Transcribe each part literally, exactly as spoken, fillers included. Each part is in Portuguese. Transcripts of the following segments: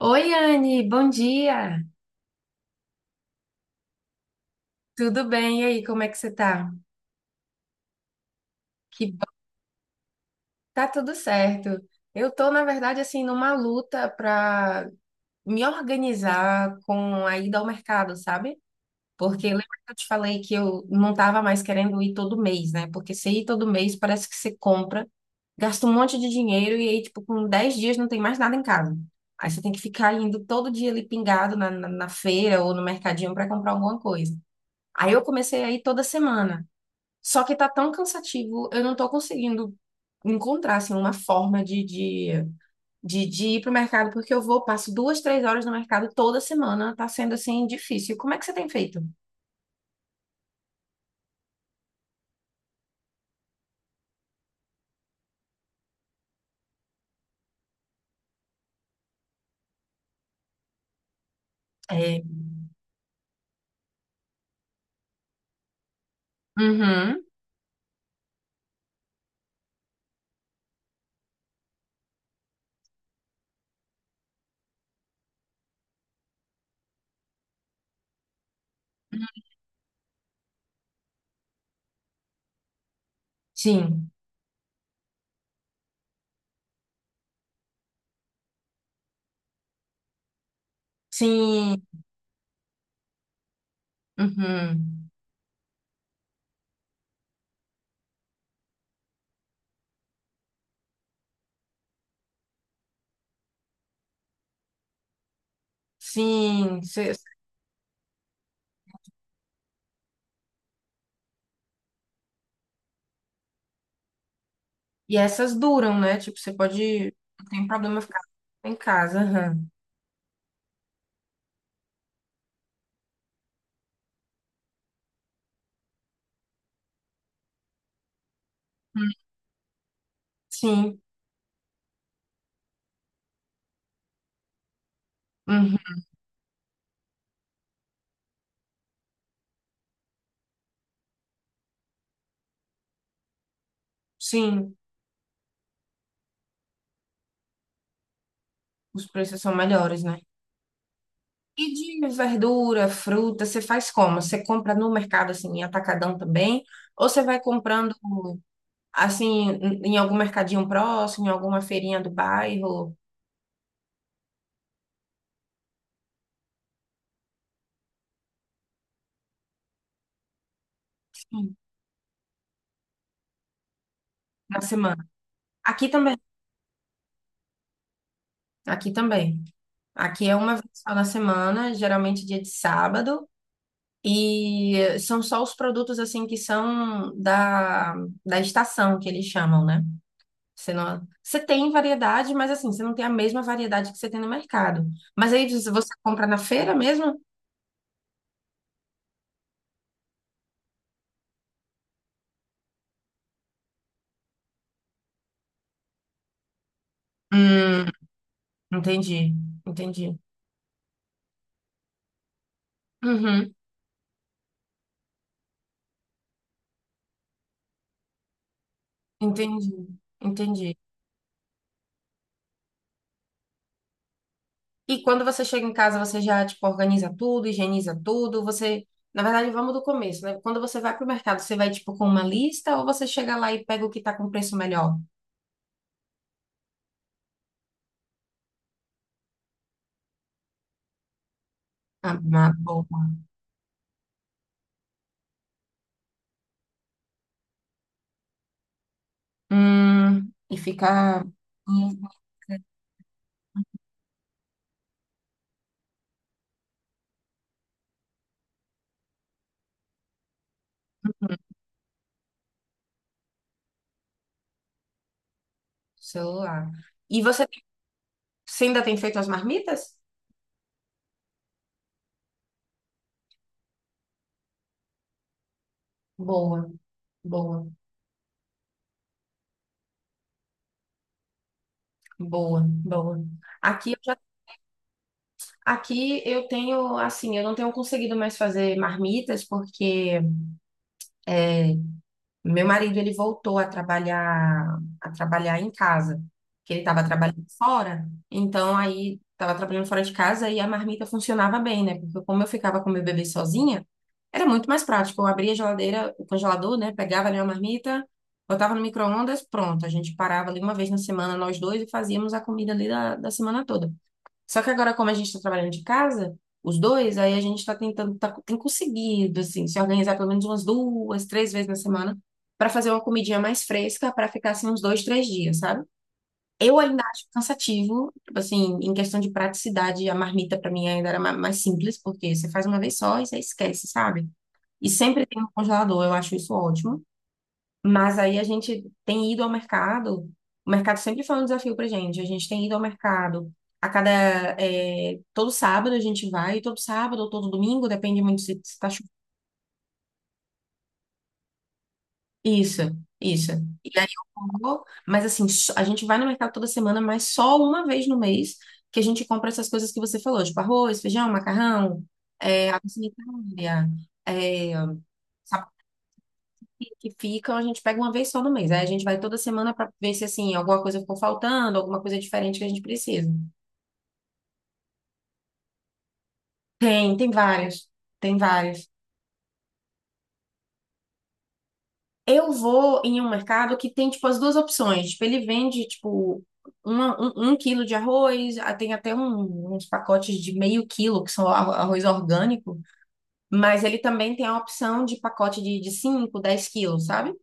Oi, Anne, bom dia. Tudo bem? E aí, como é que você tá? Que bom, tá tudo certo. Eu tô, na verdade, assim, numa luta pra me organizar com a ida ao mercado, sabe? Porque lembra que eu te falei que eu não tava mais querendo ir todo mês, né? Porque você ir todo mês parece que você compra, gasta um monte de dinheiro e aí, tipo, com dez dias não tem mais nada em casa. Aí você tem que ficar indo todo dia ali pingado na, na na feira ou no mercadinho pra comprar alguma coisa. Aí eu comecei a ir toda semana. Só que tá tão cansativo, eu não tô conseguindo encontrar, assim, uma forma de, de, de, de ir pro mercado, porque eu vou, passo duas, três horas no mercado toda semana, tá sendo, assim, difícil. Como é que você tem feito? É. Uhum. Sim. Sim. Uhum. Sim. Cê- E essas duram, né? Tipo, você pode... Não tem problema ficar em casa. Aham. Sim. Uhum. Sim. Os preços são melhores, né? E de verdura, fruta, você faz como? Você compra no mercado, assim, em atacadão também? Ou você vai comprando, assim, em em algum mercadinho próximo, em alguma feirinha do bairro, sim. Na semana? Aqui também, aqui também. Aqui é uma vez só na semana, geralmente dia de sábado. E são só os produtos, assim, que são da, da estação, que eles chamam, né? Você não, você tem variedade, mas assim, você não tem a mesma variedade que você tem no mercado. Mas aí, se você compra na feira mesmo? Hum, entendi, entendi. Uhum, entendi, entendi. E quando você chega em casa, você já, tipo, organiza tudo, higieniza tudo, você... Na verdade, vamos do começo, né? Quando você vai pro mercado, você vai, tipo, com uma lista ou você chega lá e pega o que tá com preço melhor? Ah, uma boa. Hum, e fica... Hum, celular. E você você ainda tem feito as marmitas? Boa, boa, boa, boa. Aqui eu já, aqui eu tenho, assim, eu não tenho conseguido mais fazer marmitas porque é, meu marido, ele voltou a trabalhar, a trabalhar em casa, que ele estava trabalhando fora. Então, aí, estava trabalhando fora de casa e a marmita funcionava bem, né? Porque como eu ficava com meu bebê sozinha, era muito mais prático. Eu abria a geladeira, o congelador, né? Pegava ali uma marmita, botava no micro-ondas, pronto. A gente parava ali uma vez na semana, nós dois, e fazíamos a comida ali da, da semana toda. Só que agora, como a gente está trabalhando de casa, os dois, aí a gente está tentando, tá, tem conseguido, assim, se organizar pelo menos umas duas, três vezes na semana para fazer uma comidinha mais fresca para ficar assim uns dois, três dias, sabe? Eu ainda acho cansativo, tipo assim, em questão de praticidade, a marmita para mim ainda era ma- mais simples, porque você faz uma vez só e você esquece, sabe? E sempre tem um congelador, eu acho isso ótimo. Mas aí a gente tem ido ao mercado. O mercado sempre foi um desafio pra gente. A gente tem ido ao mercado a cada. É, todo sábado a gente vai, todo sábado ou todo domingo, depende muito se, se tá chovendo. Isso, isso. E aí eu vou, mas assim, só- a gente vai no mercado toda semana, mas só uma vez no mês que a gente compra essas coisas que você falou, tipo arroz, feijão, macarrão, é, água sanitária, é, que ficam, a gente pega uma vez só no mês. Aí a gente vai toda semana para ver se assim, alguma coisa ficou faltando, alguma coisa diferente que a gente precisa. Tem, tem várias. Tem várias. Eu vou em um mercado que tem, tipo, as duas opções. Tipo, ele vende, tipo, uma- um, um quilo de arroz, ah, tem até um- uns pacotes de meio quilo, que são arro- arroz orgânico, mas ele também tem a opção de pacote de, de cinco, dez quilos, sabe?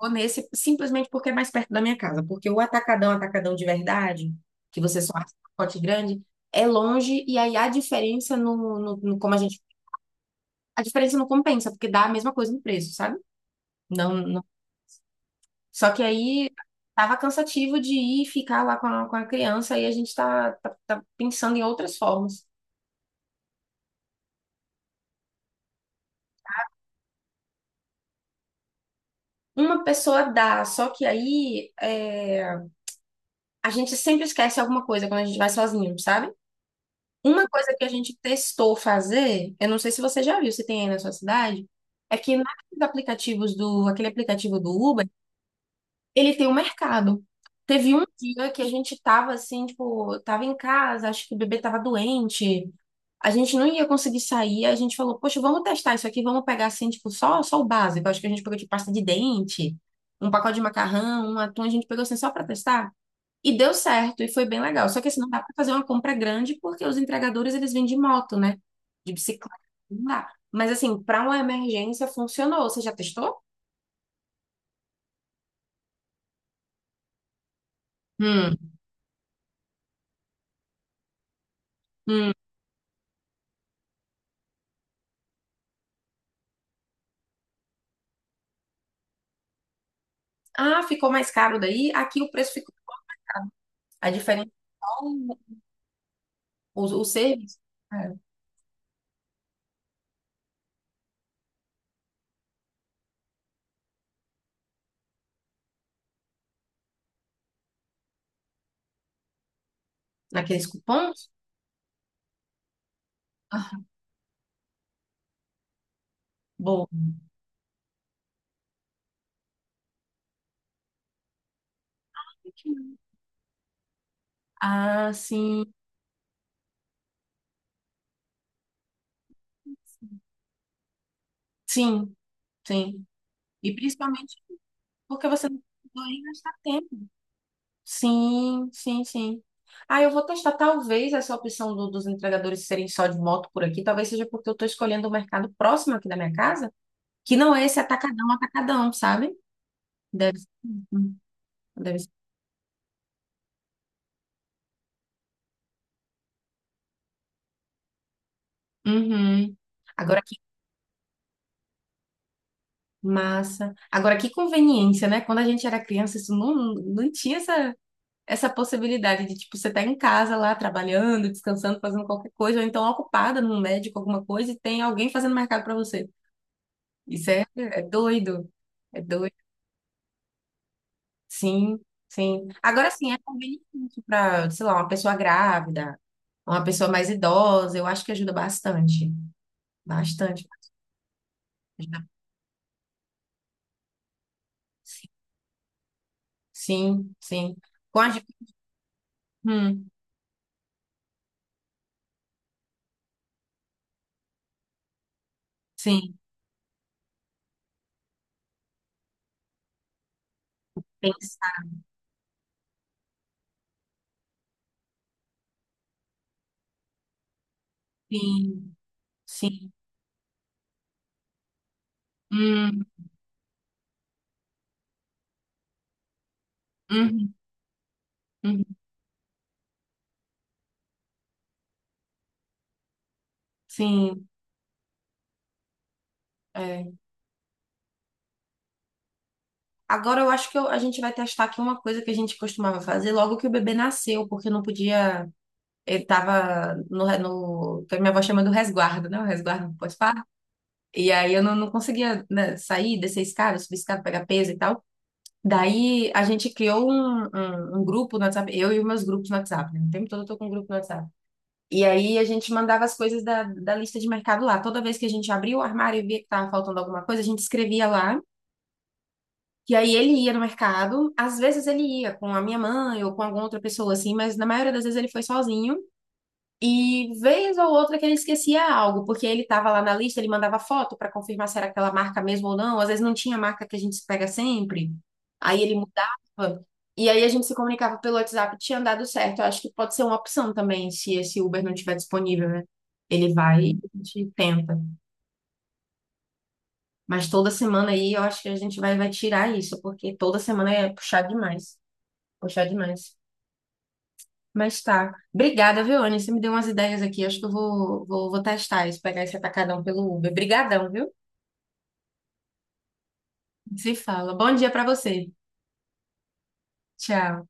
Vou nesse simplesmente porque é mais perto da minha casa. Porque o atacadão, atacadão de verdade, que você só acha um pacote grande, é longe e aí a diferença no, no, no- como a gente. A diferença não compensa, porque dá a mesma coisa no preço, sabe? Não, não- Só que aí tava cansativo de ir e ficar lá com a, com a criança e a gente tá, tá, tá pensando em outras formas. Uma pessoa dá, só que aí é, a gente sempre esquece alguma coisa quando a gente vai sozinho, sabe? Uma coisa que a gente testou fazer, eu não sei se você já viu, se tem aí na sua cidade, é que naqueles aplicativos do, aquele aplicativo do Uber, ele tem um mercado. Teve um dia que a gente tava assim, tipo, tava em casa, acho que o bebê tava doente, a gente não ia conseguir sair, a gente falou, poxa, vamos testar isso aqui, vamos pegar assim, tipo, só, só o básico. Acho que a gente pegou de pasta de dente, um pacote de macarrão, um atum, a gente pegou assim só pra testar. E deu certo, e foi bem legal. Só que assim, não dá para fazer uma compra grande porque os entregadores eles vêm de moto, né? De bicicleta, não dá. Mas assim, para uma emergência funcionou. Você já testou? Hum, hum. Ah, ficou mais caro daí. Aqui o preço ficou. A diferença é só o, o, o serviço, é, naqueles cupons. Ah, boa. Ah, sim, sim, sim. E principalmente porque você não vai gastar tempo. Sim, sim, sim. Ah, eu vou testar talvez essa opção do- dos entregadores serem só de moto por aqui. Talvez seja porque eu estou escolhendo o mercado próximo aqui da minha casa, que não é esse atacadão, atacadão, sabe? Deve ser. Hum, deve ser. Uhum. Agora que massa. Agora que conveniência, né? Quando a gente era criança, isso não, não tinha essa, essa possibilidade de, tipo, você tá em casa lá, trabalhando, descansando, fazendo qualquer coisa, ou então ocupada num médico, alguma coisa, e tem alguém fazendo mercado para você. Isso é, é doido. É doido. Sim, sim. Agora sim, é conveniente para, sei lá, uma pessoa grávida, uma pessoa mais idosa, eu acho que ajuda bastante. Bastante. Ajuda. Sim, sim. Com a... gente- hum, sim, pensar. Sim, sim. Hum, uhum, uhum, sim. É. Agora eu acho que eu- a gente vai testar aqui uma coisa que a gente costumava fazer logo que o bebê nasceu, porque não podia. Ele estava no, re- no. que a minha avó chama do resguardo, né? O resguardo pós. E aí eu não, não conseguia, né, sair, descer a escada, subir a escada, pegar peso e tal. Daí a gente criou um, um, um grupo no WhatsApp, eu e os meus grupos no WhatsApp, né? O tempo todo eu tô com um grupo no WhatsApp. E aí a gente mandava as coisas da, da lista de mercado lá. Toda vez que a gente abria o armário e via que tava faltando alguma coisa, a gente escrevia lá. E aí ele ia no mercado, às vezes ele ia com a minha mãe ou com alguma outra pessoa assim, mas na maioria das vezes ele foi sozinho. E vez ou outra que ele esquecia algo, porque ele estava lá na lista, ele mandava foto para confirmar se era aquela marca mesmo ou não. Às vezes não tinha a marca que a gente pega sempre. Aí ele mudava. E aí a gente se comunicava pelo WhatsApp, tinha dado certo. Eu acho que pode ser uma opção também, se esse Uber não estiver disponível, né? Ele vai e a gente tenta. Mas toda semana aí eu acho que a gente vai, vai tirar isso, porque toda semana é puxar demais. Puxar demais. Mas tá. Obrigada, viu, Anny? Você me deu umas ideias aqui. Acho que eu vou, vou, vou testar isso, pegar esse atacadão pelo Uber. Obrigadão, viu? Se fala. Bom dia pra você. Tchau.